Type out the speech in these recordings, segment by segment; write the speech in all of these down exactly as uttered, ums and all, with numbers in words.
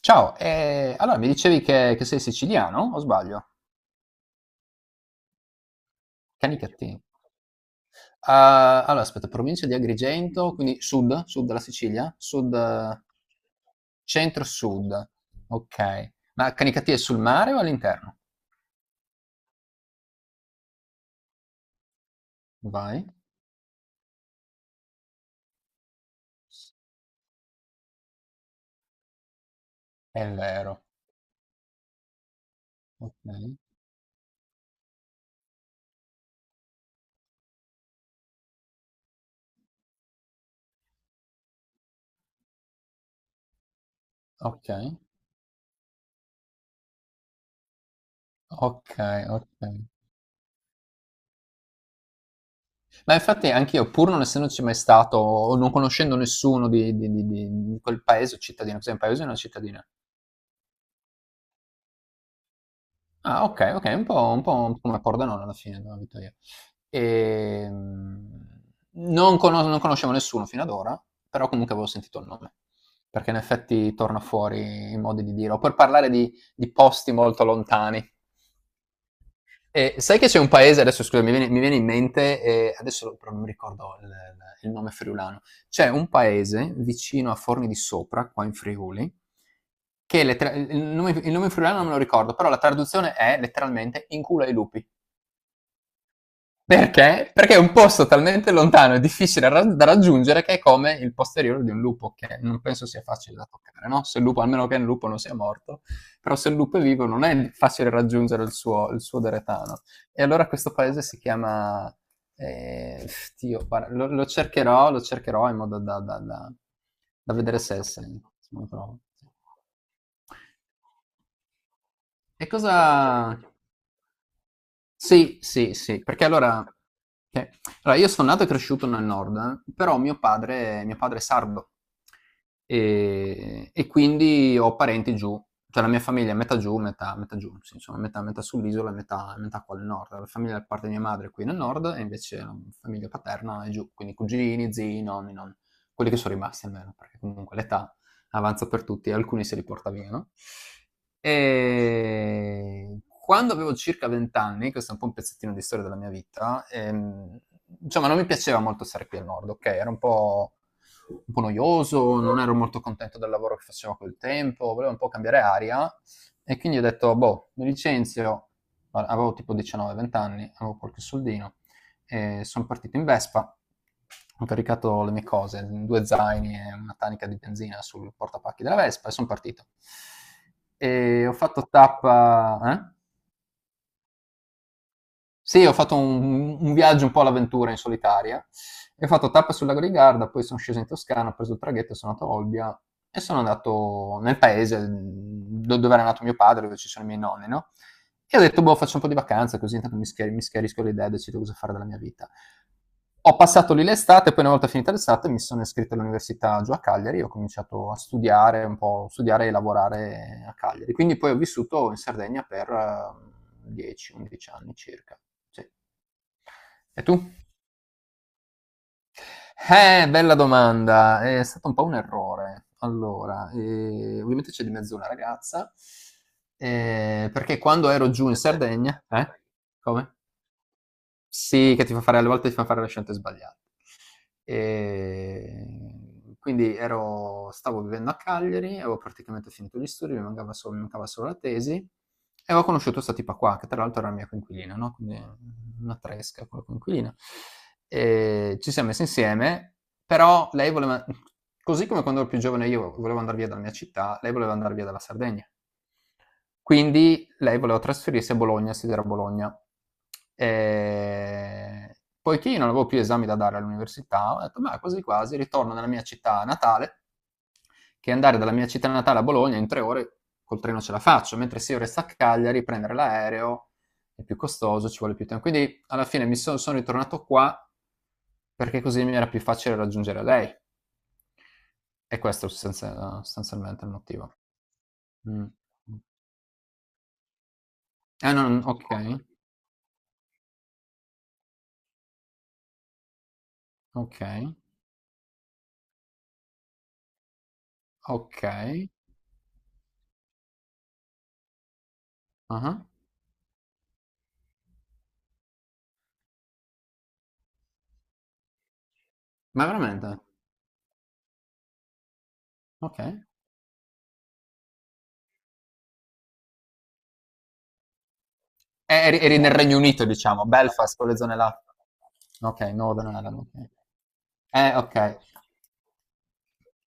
Ciao, eh, allora mi dicevi che, che sei siciliano, o sbaglio? Canicattini. Ah, allora, aspetta, provincia di Agrigento, quindi sud, sud della Sicilia, sud, eh, centro-sud. Ok. Ma Canicattini è sul mare o all'interno? Vai. È vero. Ok, ok, ok, ok. Ma infatti anch'io, pur non essendoci mai stato, o non conoscendo nessuno di, di- di- di- di quel paese o cittadino, cos'è un paese o una cittadina? Ah, ok, ok, un po', un po', un po' come Pordenone alla fine, dove abito io. Ehm, non, conos- non conoscevo nessuno fino ad ora, però comunque avevo sentito il nome, perché in effetti torna fuori in modi di dire, o per parlare di, di posti molto lontani. Eh, sai che c'è un paese, adesso scusa, mi viene, mi viene in mente, eh, adesso però non mi ricordo il, il nome friulano, c'è un paese vicino a Forni di Sopra, qua in Friuli, che lettera- il, nome, il nome friulano non me lo ricordo, però la traduzione è letteralmente in culo ai lupi. Perché? Perché è un posto talmente lontano e difficile ra- da raggiungere che è come il posteriore di un lupo, che non penso sia facile da toccare, no? Se il lupo, almeno che il lupo non sia morto, però se il lupo è vivo non è facile raggiungere il suo, il suo deretano. E allora questo paese si chiama. eh, Dio, guarda, lo, lo cercherò, lo cercherò in modo da, da- da- da vedere se, se- se lo trovo. E cosa? Sì, sì, sì, perché allora, che- allora io sono nato e cresciuto nel nord, eh, però mio padre, mio padre è sardo e, e quindi ho parenti giù, cioè la mia famiglia è metà giù, metà, metà giù, sì, insomma, metà, metà sull'isola e metà, metà qua al nord. La famiglia da parte di mia madre è qui nel nord e invece la famiglia paterna è giù, quindi cugini, zii, nonni, non, quelli che sono rimasti almeno, perché comunque l'età avanza per tutti, alcuni se li porta via, no? E quando avevo circa venti anni, questo è un po' un pezzettino di storia della mia vita, ehm, insomma non mi piaceva molto stare qui al nord, ok? Era un po', un po' noioso, non ero molto contento del lavoro che facevo a quel tempo, volevo un po' cambiare aria e quindi ho detto, boh, mi licenzio. Allora, avevo tipo diciannove, venti anni, avevo qualche soldino, e sono partito in Vespa. Ho caricato le mie cose, due zaini e una tanica di benzina sul portapacchi della Vespa e sono partito. E ho fatto tappa. Eh? Sì, ho fatto un, un viaggio un po' all'avventura in solitaria. E ho fatto tappa sul lago di Garda, poi sono sceso in Toscana, ho preso il traghetto, sono andato a Olbia e sono andato nel paese dove era nato mio padre, dove ci sono i miei nonni, no? E ho detto, boh, faccio un po' di vacanza, così intanto mi, schier- mi schiarisco l'idea, e decido cosa fare della mia vita. Ho passato lì l'estate, poi una volta finita l'estate mi sono iscritto all'università giù a Cagliari, ho cominciato a studiare un po', studiare e lavorare a Cagliari. Quindi poi ho vissuto in Sardegna per eh, dieci, undici anni circa. Sì. E tu? Eh, bella domanda, è stato un po' un errore. Allora, eh, ovviamente c'è di mezzo una ragazza, eh, perché quando ero giù in Sardegna, eh? Come? Sì, che ti fa fare alle volte ti fa fare le scelte sbagliate. E quindi ero stavo vivendo a Cagliari, avevo praticamente finito gli studi, mi mancava solo, mi mancava solo la tesi e ho conosciuto questa tipa qua, che tra l'altro era la mia coinquilina, no? Quindi una tresca con la coinquilina. E ci siamo messi insieme, però lei voleva, così come quando ero più giovane io volevo andare via dalla mia città, lei voleva andare via dalla Sardegna. Quindi lei voleva trasferirsi a Bologna, studiare a Bologna. E, poiché io non avevo più esami da dare all'università, ho detto, ma quasi quasi ritorno nella mia città natale, che andare dalla mia città natale a Bologna in tre ore col treno ce la faccio, mentre se io resto a Cagliari, prendere l'aereo è più costoso, ci vuole più tempo. Quindi alla fine mi sono, sono ritornato qua perché così mi era più facile raggiungere lei. E questo è sostanzia- sostanzialmente il motivo. Mm. Ah, no, no, ok, ok. Okay. Ah-ah. Ma veramente? Okay. E eri eri nel Regno Unito, diciamo, Belfast, quelle zone là. Okay, Northern Ireland, okay. Eh, okay.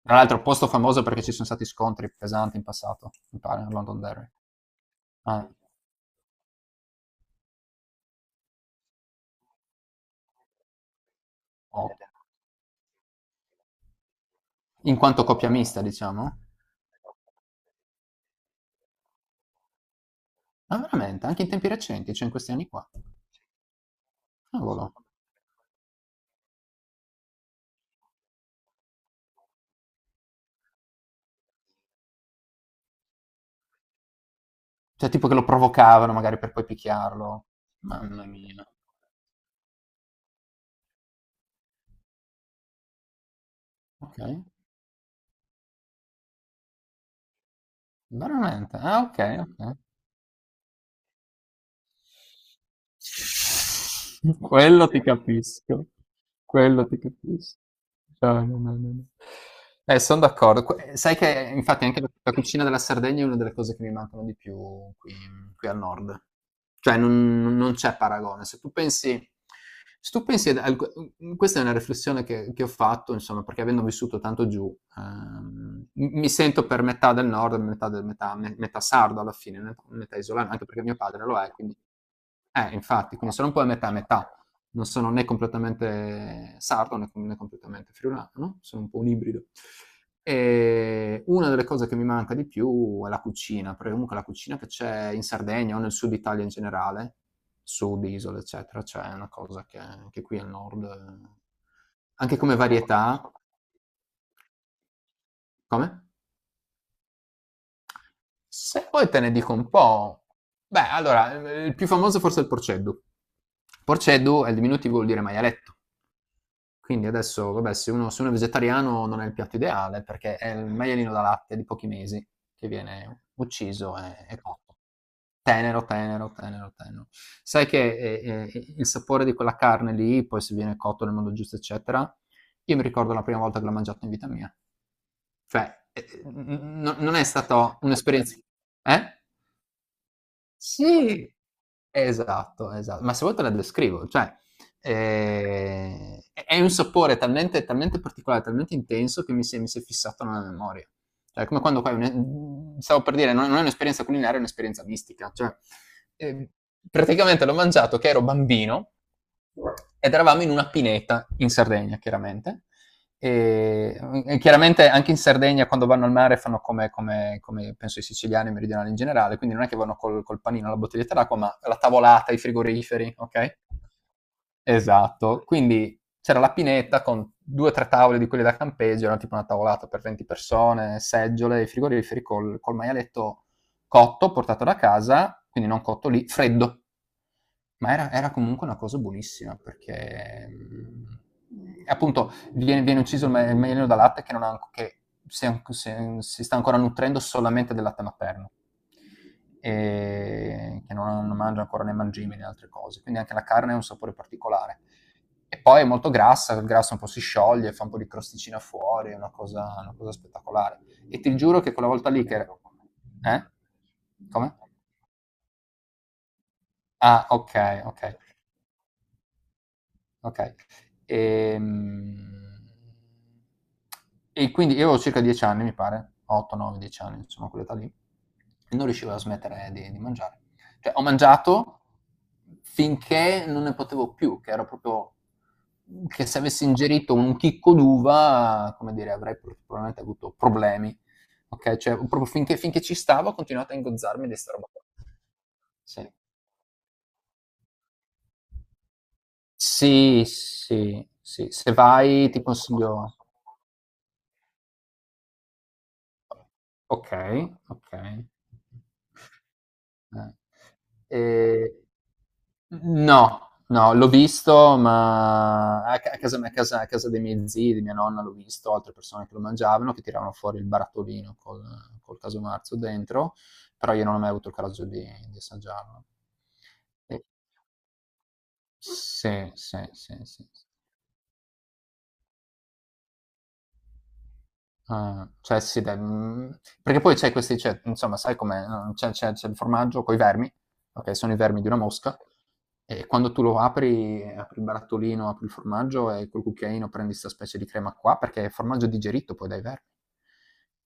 Tra l'altro posto famoso perché ci son stati scontri pesanti in passato, mi pare, a Londonderry. Ah, o in quanto coppia mista, diciamo? Ma veramente? Anche in tempi recenti, cioè in questi anni qua? Cavolo. Cioè tipo che lo provocavano magari per poi picchiarlo. Mamma mia. Okay. Veramente? Ah, okay, okay. Quello ti capisco, quello ti capisco. No, no, no, no, no. Eh, sono d'accordo. Que- Sai che infatti anche la, la cucina della Sardegna è una delle cose che mi mancano di più qui, qui al nord. Cioè non, non c'è paragone. Se tu pensi, se tu pensi ad alc- questa è una riflessione che, che ho fatto, insomma, perché avendo vissuto tanto giù, ehm, mi sento per metà del nord, metà, del, metà, me- metà sardo alla fine, met- metà isolano, anche perché mio padre lo è, quindi eh, infatti, quindi sono un po' a metà a metà. Non sono né completamente sardo né, né completamente friulano, no? Sono un po' un ibrido. E una delle cose che mi manca di più è la cucina, perché comunque la cucina che c'è in Sardegna o nel sud Italia in generale, sud, isole, eccetera, c'è una cosa che anche qui al nord, eh, anche come varietà. Come? Se poi te ne dico un po', beh, allora, il più famoso forse è il porceddu. Porceddu è il diminutivo, vuol dire maialetto. Quindi adesso, vabbè, se uno, se uno è vegetariano non è il piatto ideale perché è il maialino da latte di pochi mesi che viene ucciso e, e cotto. Tenero, tenero, tenero, tenero. Sai che eh, eh, il sapore di quella carne lì, poi se viene cotto nel modo giusto, eccetera, io mi ricordo la prima volta che l'ho mangiato in vita mia. Cioè, eh, n- n- non è stata un'esperienza. Eh? Sì, Esatto, esa ma se vuoi te la descrivo, cioè, ehm, è è un sapore talmente talmente particolare, talmente intenso che mi si è mi si è fissato nella memoria. Cioè, è come quando fai un e mhmm, stavo per dire, non non è un'esperienza culinaria, è un'esperienza mistica, cioè, ehm, praticamente l'ho mangiato che ero bambino ed eravamo in una pineta in Sardegna, chiaramente. E, e chiaramente anche in Sardegna quando vanno al mare fanno come, come, come penso i siciliani e i meridionali in generale, quindi non è che vanno col, col panino alla bottiglietta d'acqua, ma la tavolata, i frigoriferi, ok? Esatto, quindi c'era la pineta con due o tre tavole di quelle da campeggio, era tipo una tavolata per venti persone, seggiole, i frigoriferi col, col maialetto cotto, portato da casa, quindi non cotto lì, freddo, ma era, era comunque una cosa buonissima perché mh, appunto viene, viene ucciso il, me- il maialino da latte che, non ha, che si, è- si- si sta ancora nutrendo solamente del latte materno e che non, non mangia ancora né mangime né altre cose, quindi anche la carne ha un sapore particolare. E poi è molto grassa, il grasso un po' si scioglie, fa un po' di crosticina fuori, è una cosa, una cosa spettacolare. E ti giuro che quella volta lì che. Eh? Come? Ah, ok, ok. Okay. Ehm, e quindi io avevo circa dieci anni mi pare, otto, nove, dieci anni, insomma quell'età lì, e non riuscivo a smettere di di mangiare. Cioè ho mangiato finché non ne potevo più, che ero proprio, che se avessi ingerito un chicco d'uva, come dire, avrei pro probabilmente avuto problemi, okay, cioè proprio finché finché ci stavo ho continuato a ingozzarmi di 'sta roba qua. Sì. Sì, sì, sì, se vai ti consiglio. Okay, okay. Eh. Ehm no, no, l'ho visto ma a ca a casa a casa a casa dei miei zii, di mia nonna l'ho visto, altre persone che lo mangiavano, che tiravano fuori il barattolino col col caso marzo dentro, però io non ho mai avuto il coraggio di di assaggiarlo. E sì, sì, sì, sì. Sì. Ah, cioè sì dai, mhmm, perché poi c'è questi cioè, insomma sai com'è, uhm, c'è c'è c'è il formaggio coi vermi, okay, sono i vermi di una mosca, e quando tu lo apri apri il barattolino, apri il formaggio e col cucchiaino prendi 'sta specie di crema qua, perché è formaggio digerito poi dai vermi.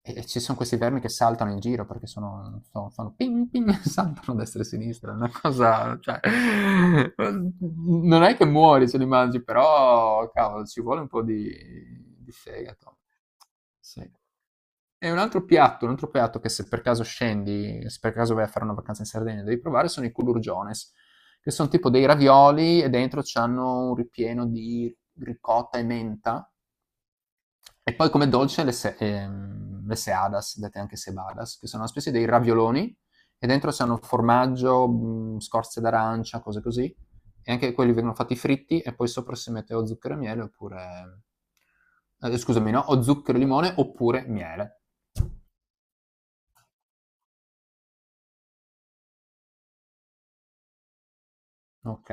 E e ci son questi vermi che saltano in giro perché sono so fanno ping ping, saltano a destra e a sinistra, è una cosa, cioè, uhm, non è che muori se li mangi, però cavolo ci vuole un po' di di fegato. Sì. E un altro piatto, un altro piatto che se per caso scendi, se per caso vai a fare una vacanza in Sardegna, devi provare sono i culurgiones, che sono tipo dei ravioli e dentro c'hanno un ripieno di ricotta e menta e poi come dolce le, se- ehm, le seadas, dette anche sebadas, che sono una specie dei ravioloni e dentro c'hanno formaggio, mh, scorze d'arancia, cose così. E anche quelli vengono fatti fritti e poi sopra si mette o zucchero e miele oppure, eh, scusami, no? O zucchero e limone oppure miele. Ok.